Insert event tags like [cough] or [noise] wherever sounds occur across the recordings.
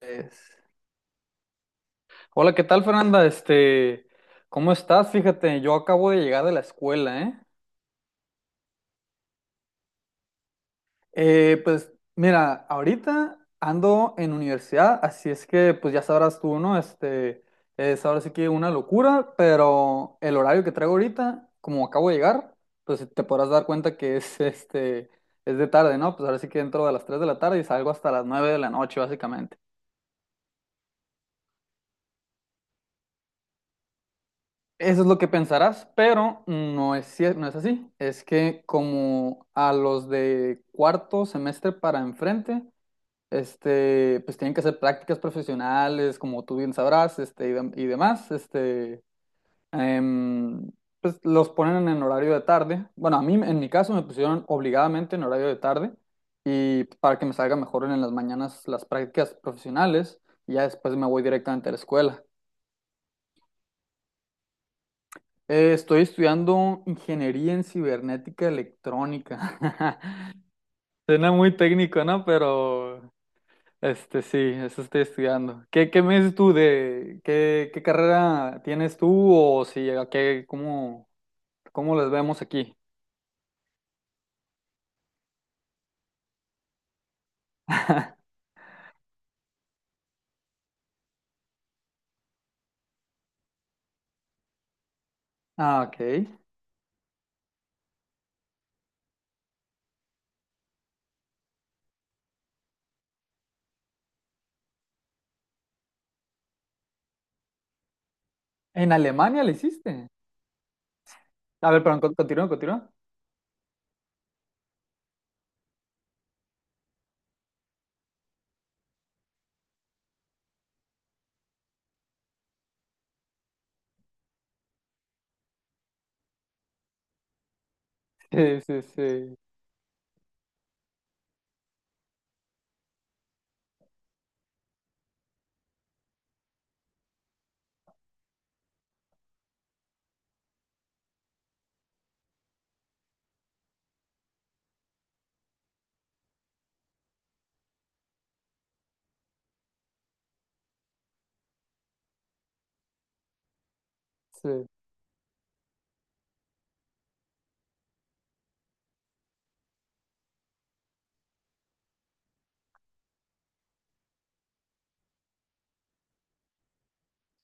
Es- Hola, ¿qué tal, Fernanda? Este, ¿cómo estás? Fíjate, yo acabo de llegar de la escuela, ¿eh? Pues mira, ahorita ando en universidad, así es que pues ya sabrás tú, ¿no? Este, es ahora sí que una locura, pero el horario que traigo ahorita, como acabo de llegar, pues te podrás dar cuenta que es [laughs] este, es de tarde, ¿no? Pues ahora sí que entro a las 3 de la tarde y salgo hasta las 9 de la noche, básicamente. Eso es lo que pensarás, pero no es así. Es que como a los de cuarto semestre para enfrente, este, pues tienen que hacer prácticas profesionales, como tú bien sabrás, este, y demás, este, em, pues los ponen en horario de tarde. Bueno, a mí, en mi caso, me pusieron obligadamente en horario de tarde y para que me salga mejor en las mañanas las prácticas profesionales y ya después me voy directamente a la escuela. Estoy estudiando ingeniería en cibernética electrónica. [laughs] Suena muy técnico, ¿no? Pero este sí, eso estoy estudiando. ¿Qué me dices tú de qué carrera tienes tú o si a qué, cómo, cómo las vemos aquí? Ah, ok. ¿En Alemania le hiciste? A ver, perdón, continúa, continúa. Sí, sí, sí, sí.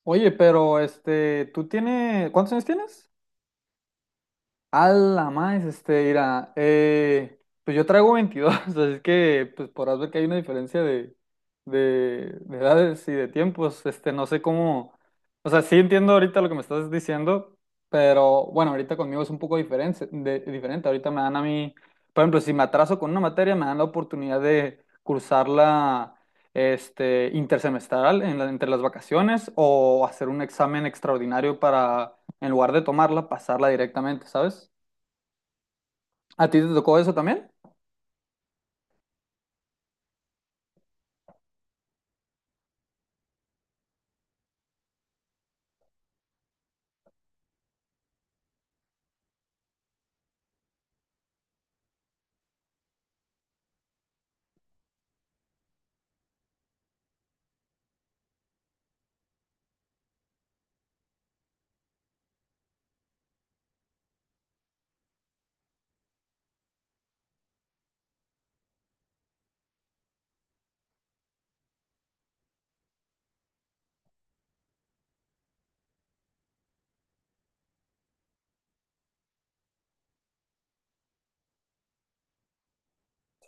Oye, pero este, ¿tú tienes, cuántos años tienes? A la más, este, mira, pues yo traigo 22 [laughs] así que pues podrás ver que hay una diferencia de edades y de tiempos, este, no sé cómo, o sea, sí entiendo ahorita lo que me estás diciendo, pero bueno, ahorita conmigo es un poco diferente, diferente, ahorita me dan a mí, por ejemplo, si me atraso con una materia, me dan la oportunidad de cursarla, este, intersemestral entre las vacaciones o hacer un examen extraordinario para en lugar de tomarla, pasarla directamente, ¿sabes? ¿A ti te tocó eso también?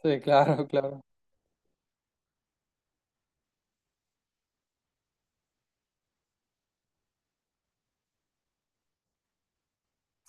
Sí, [laughs] claro, claro.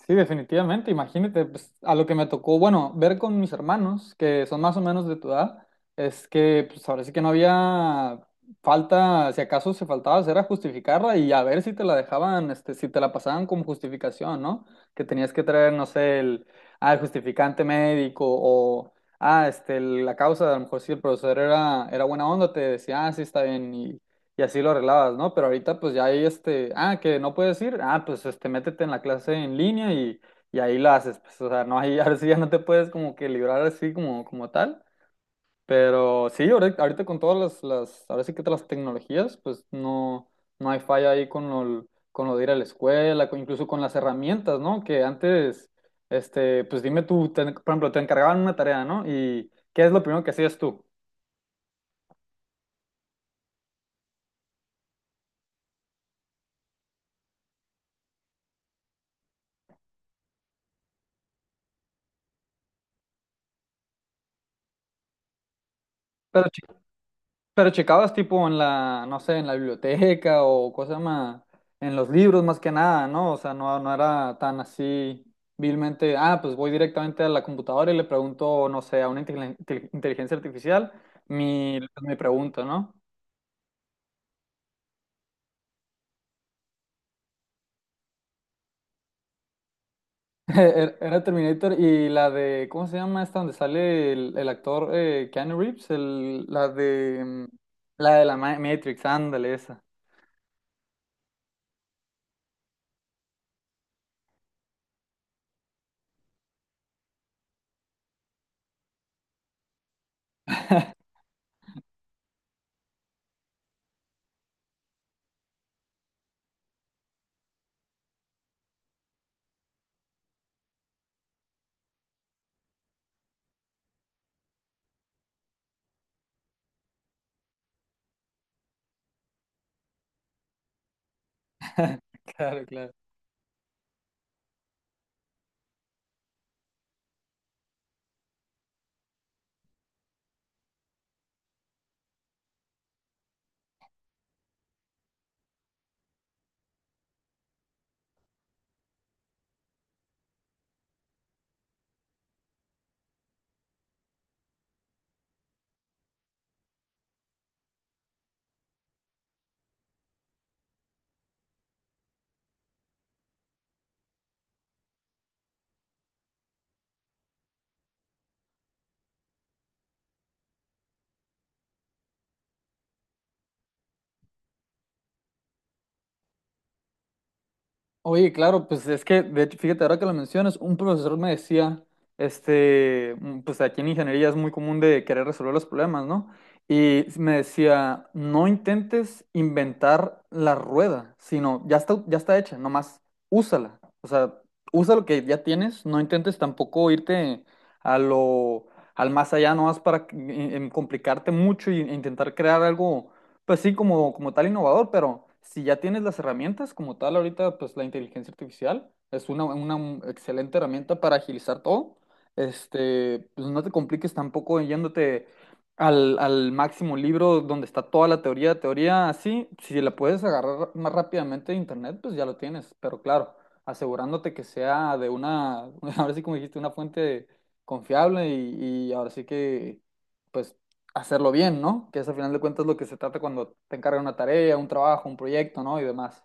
Sí, definitivamente. Imagínate, pues, a lo que me tocó, bueno, ver con mis hermanos, que son más o menos de tu edad, es que pues ahora sí que no había falta, si acaso se faltaba, era justificarla y a ver si te la dejaban, este, si te la pasaban como justificación, ¿no? Que tenías que traer, no sé, el, ah, el justificante médico o, ah, este, la causa, a lo mejor si el profesor era buena onda, te decía, ah, sí, está bien. Y así lo arreglabas, ¿no? Pero ahorita pues ya hay este, ah, que no puedes ir, ah, pues este, métete en la clase en línea y ahí la haces, pues, o sea, no, hay, [laughs] ahora sí ya no te puedes como que librar así como, como tal, pero sí, ahorita con todas ahora sí que todas las tecnologías, pues no, no hay falla ahí con lo, de ir a la escuela, incluso con las herramientas, ¿no? Que antes, este, pues dime tú, por ejemplo, te encargaban una tarea, ¿no? Y ¿qué es lo primero que hacías tú? Pero Pero checabas tipo en la, no sé, en la biblioteca o cosa más, en los libros más que nada, ¿no? O sea, no, no era tan así vilmente, ah, pues voy directamente a la computadora y le pregunto, no sé, a una inteligencia artificial mi pregunta, ¿no? [laughs] Era Terminator y la de, ¿cómo se llama esta? Donde sale el actor Keanu Reeves, el, la de, la de la Matrix, ándale, esa. [laughs] Claro, claro. Oye, claro, pues es que, de hecho, fíjate, ahora que lo mencionas, un profesor me decía, este, pues aquí en ingeniería es muy común de querer resolver los problemas, ¿no? Y me decía, no intentes inventar la rueda, sino ya está hecha, nomás úsala. O sea, usa lo que ya tienes, no intentes tampoco irte a lo, al más allá, nomás para complicarte mucho e intentar crear algo pues sí, como, como tal innovador, pero si ya tienes las herramientas, como tal ahorita, pues la inteligencia artificial es una, excelente herramienta para agilizar todo. Este, pues no te compliques tampoco yéndote al máximo libro donde está toda la teoría, teoría así, si la puedes agarrar más rápidamente de internet, pues ya lo tienes, pero claro, asegurándote que sea de una, [laughs] ahora sí como dijiste, una fuente confiable y ahora sí que pues hacerlo bien, ¿no? Que es al final de cuentas lo que se trata cuando te encargan una tarea, un trabajo, un proyecto, ¿no? Y demás.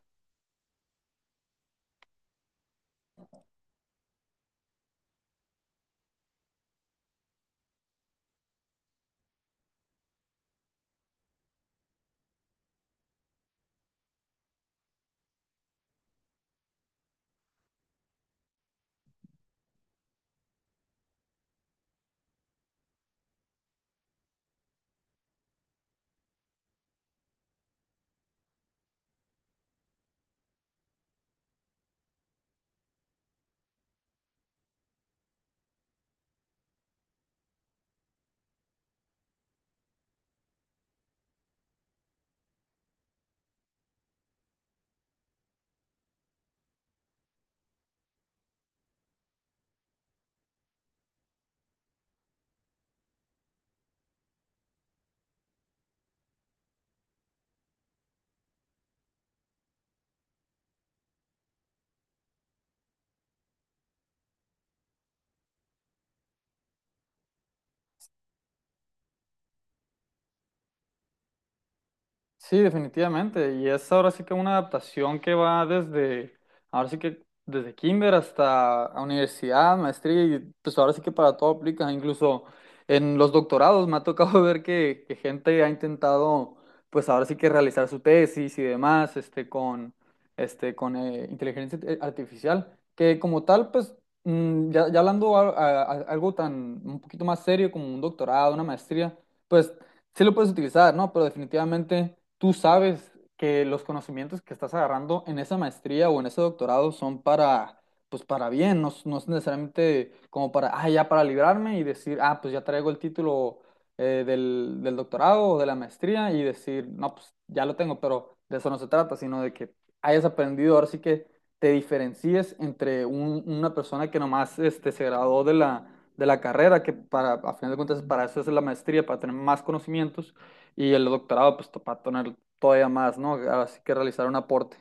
Sí, definitivamente. Y es ahora sí que una adaptación que va desde, ahora sí que desde kinder hasta a universidad, maestría, y pues ahora sí que para todo aplica. Incluso en los doctorados me ha tocado [laughs] ver que gente ha intentado, pues ahora sí que realizar su tesis y demás, este, con inteligencia artificial, que como tal, pues ya, ya hablando algo tan un poquito más serio como un doctorado, una maestría. Pues sí lo puedes utilizar, ¿no? Pero definitivamente tú sabes que los conocimientos que estás agarrando en esa maestría o en ese doctorado son para, pues para bien, no, es no es necesariamente como para, ah, ya para librarme y decir, ah, pues ya traigo el título del doctorado o de la maestría y decir, no, pues ya lo tengo, pero de eso no se trata, sino de que hayas aprendido, ahora sí que te diferencies entre una persona que nomás este, se graduó de la carrera, que para, a final de cuentas para eso es la maestría, para tener más conocimientos, y el doctorado, pues para tener todavía más, ¿no? Así que realizar un aporte.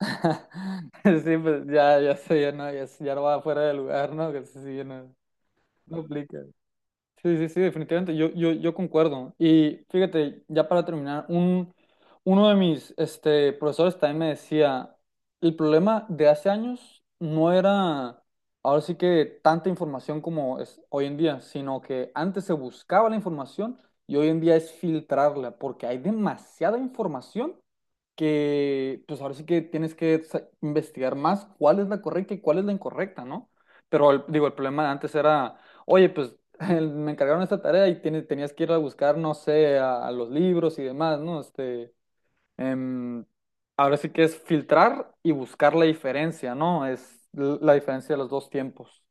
[laughs] Sí, pues ya, ya sé, ya no, ya, ya no va fuera de lugar, ¿no? Que sí, sí, ya no, no aplica. Sí, sí, sí, definitivamente, yo concuerdo. Y fíjate, ya para terminar, uno de mis este, profesores también me decía, el problema de hace años no era, ahora sí que tanta información como es hoy en día, sino que antes se buscaba la información y hoy en día es filtrarla, porque hay demasiada información que pues ahora sí que tienes que investigar más cuál es la correcta y cuál es la incorrecta, ¿no? Pero digo, el problema de antes era, oye, pues [laughs] me encargaron esta tarea y tenías que ir a buscar, no sé, a los libros y demás, ¿no? Este, em, ahora sí que es filtrar y buscar la diferencia, ¿no? Es la diferencia de los dos tiempos.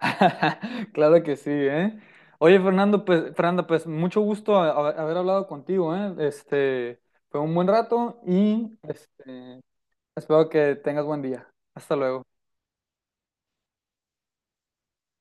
[laughs] Claro que sí, ¿eh? Oye, Fernando, pues, Fernanda, pues mucho gusto haber hablado contigo, ¿eh? Este, fue un buen rato y este, espero que tengas buen día. Hasta luego.